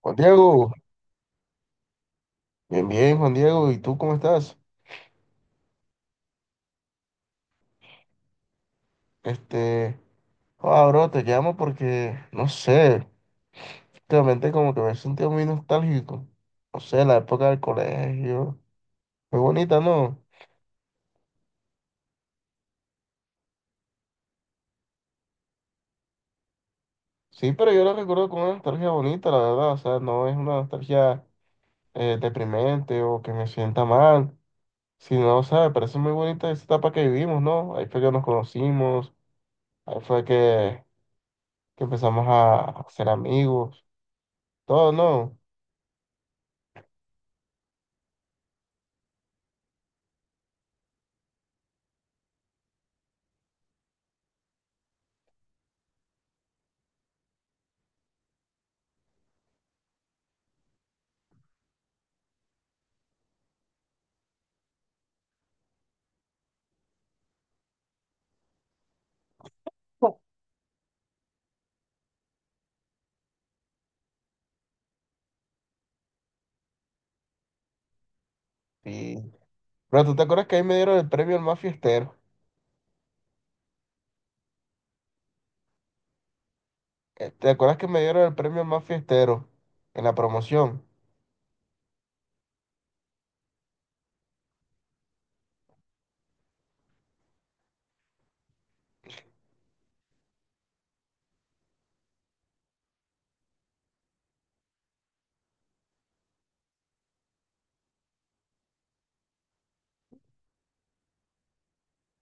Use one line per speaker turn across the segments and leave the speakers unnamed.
Juan Diego, bien, bien, Juan Diego, ¿y tú cómo estás? Este, Bro, te llamo porque, no sé, últimamente como que me he sentido muy nostálgico. No sé, la época del colegio, muy bonita, ¿no? Sí, pero yo la recuerdo con una nostalgia bonita, la verdad, o sea, no es una nostalgia deprimente o que me sienta mal, sino, o sea, me parece muy bonita esa etapa que vivimos, ¿no? Ahí fue que nos conocimos, ahí fue que empezamos a ser amigos, todo, ¿no? Sí. Pero tú te acuerdas que ahí me dieron el premio al más fiestero. ¿Te acuerdas que me dieron el premio al más fiestero en la promoción?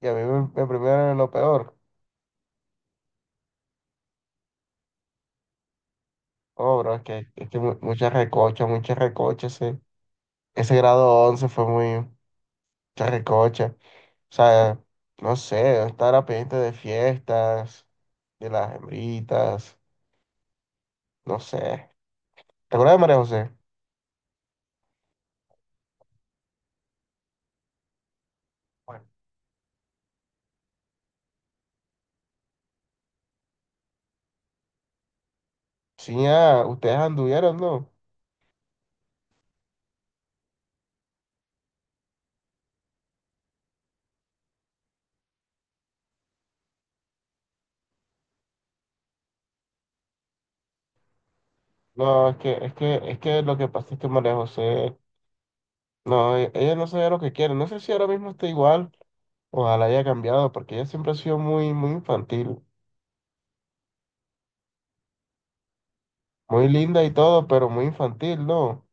Y a me premiaron en lo peor. Oh, bro, es que mucha recocha, mucha recocha. Ese grado 11 fue muy, mucha recocha. O sea, no sé, estar a pendiente de fiestas, de las hembritas, no sé. ¿Te acuerdas de María José? Bueno. Sí, ah, ustedes anduvieron, ¿no? No, es que, es que, es que lo que pasa es que María José. No, ella no sabía lo que quiere. No sé si ahora mismo está igual. Ojalá haya cambiado, porque ella siempre ha sido muy, muy infantil. Muy linda y todo, pero muy infantil, ¿no?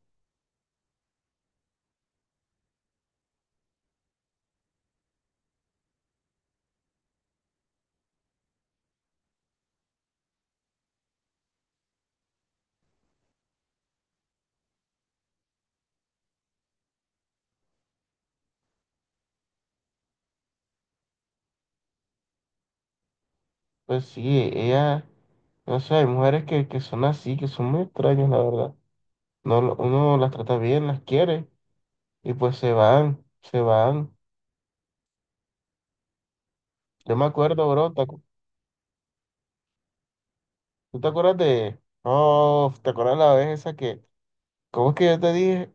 Pues sí, ella, no sé, hay mujeres que son así, que son muy extrañas, la verdad. No, uno las trata bien, las quiere, y pues se van, se van. Yo me acuerdo, bro, ¿tú te acuerdas de... Oh, ¿te acuerdas la vez esa que... ¿Cómo es que yo te dije?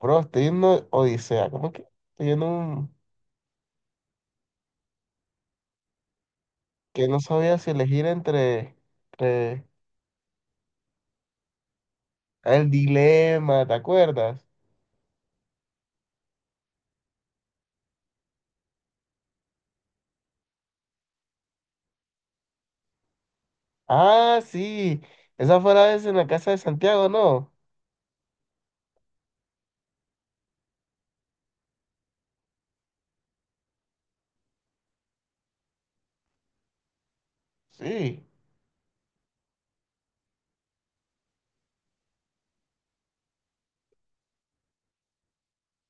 Bro, estoy en una odisea, ¿cómo es que estoy en un... que no sabía si elegir entre el dilema, ¿te acuerdas? Ah, sí, esa fue la vez en la casa de Santiago, ¿no? Sí,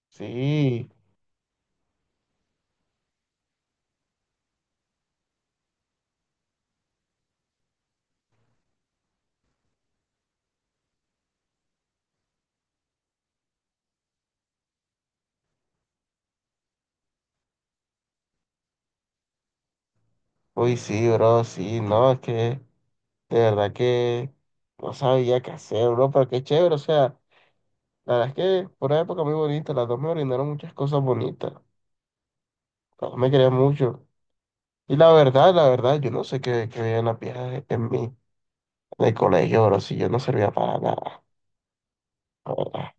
sí, uy, sí, bro, sí, no, es que de verdad que no sabía qué hacer, bro, pero qué chévere, o sea, la verdad es que fue una época muy bonita, las dos me brindaron muchas cosas bonitas, las dos me querían mucho. Y la verdad, yo no sé qué veían las viejas en mí, en el colegio, bro, si yo no servía para nada. La verdad.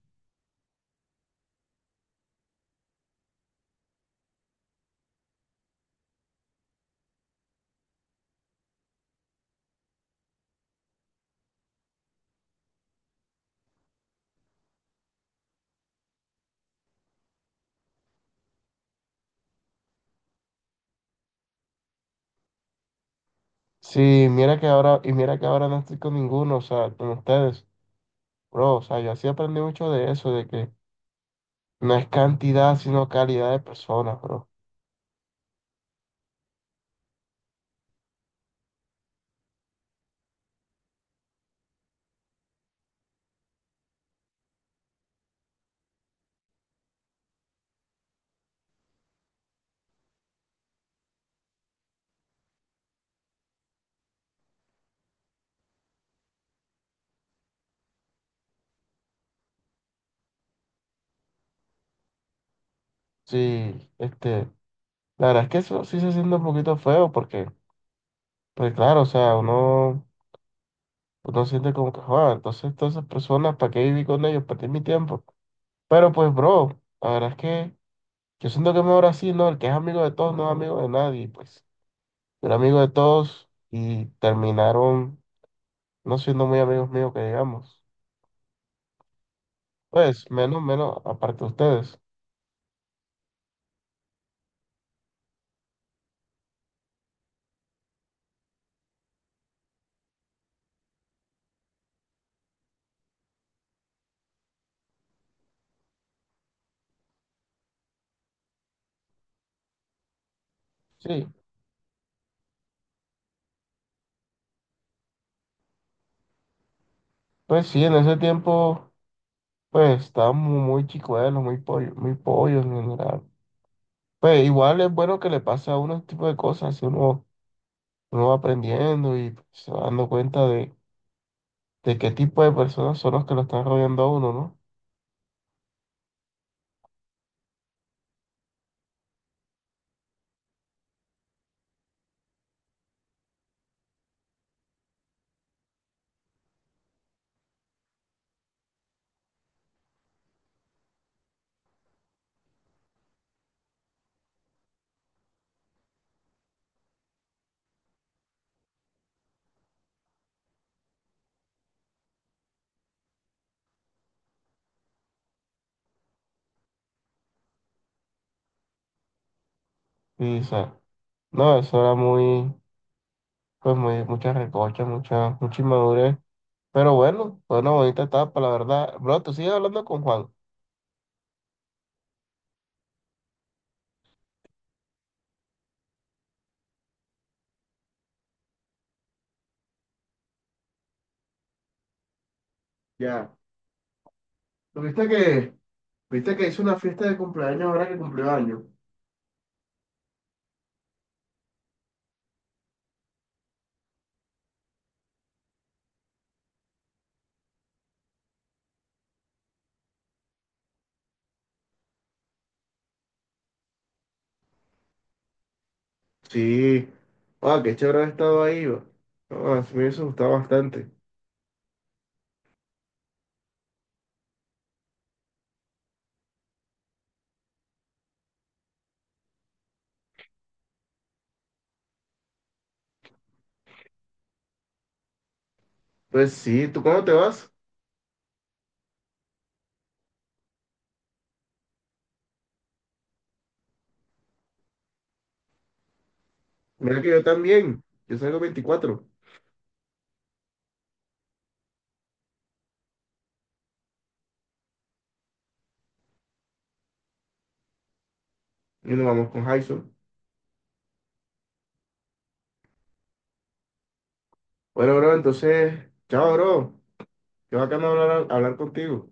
Sí, mira que ahora, y mira que ahora no estoy con ninguno, o sea, con ustedes, bro, o sea, yo así aprendí mucho de eso, de que no es cantidad, sino calidad de personas, bro. Sí, este, la verdad es que eso sí se siente un poquito feo, porque, pues claro, o sea, uno, uno siente como que, joder, entonces todas esas personas, ¿para qué viví con ellos? Perdí mi tiempo. Pero pues, bro, la verdad es que yo siento que es mejor así, ¿no? El que es amigo de todos no es amigo de nadie, pues, yo era amigo de todos y terminaron no siendo muy amigos míos que digamos. Pues menos, menos, aparte de ustedes. Sí, pues sí, en ese tiempo, pues estábamos muy chicuelos, muy pollo, muy pollos en general. Pues igual es bueno que le pase a uno este tipo de cosas, si uno, uno va aprendiendo y se va dando cuenta de qué tipo de personas son los que lo están rodeando a uno, ¿no? Y o sea, no, eso era muy, pues muy, mucha recocha, mucha, mucha inmadurez. Pero bueno, fue una bonita etapa, la verdad. Bro, tú sigues hablando con Juan. Ya. ¿Viste que, viste que hizo una fiesta de cumpleaños ahora que cumplió años? Sí, ah, qué chévere haber estado ahí, va. Ah, sí me hubiese gustado bastante. Pues sí, ¿tú cómo te vas? Mira que yo también, yo salgo 24 y nos vamos con Jason. Bueno, bro, entonces, chao, bro, qué bacano hablar, hablar contigo.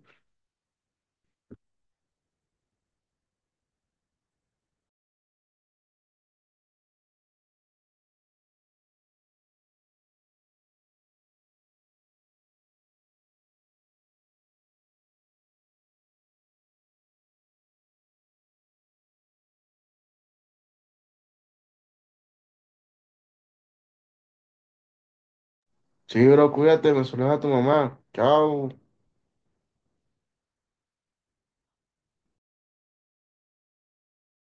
Sí, bro, cuídate, me saludas a tu mamá, chao.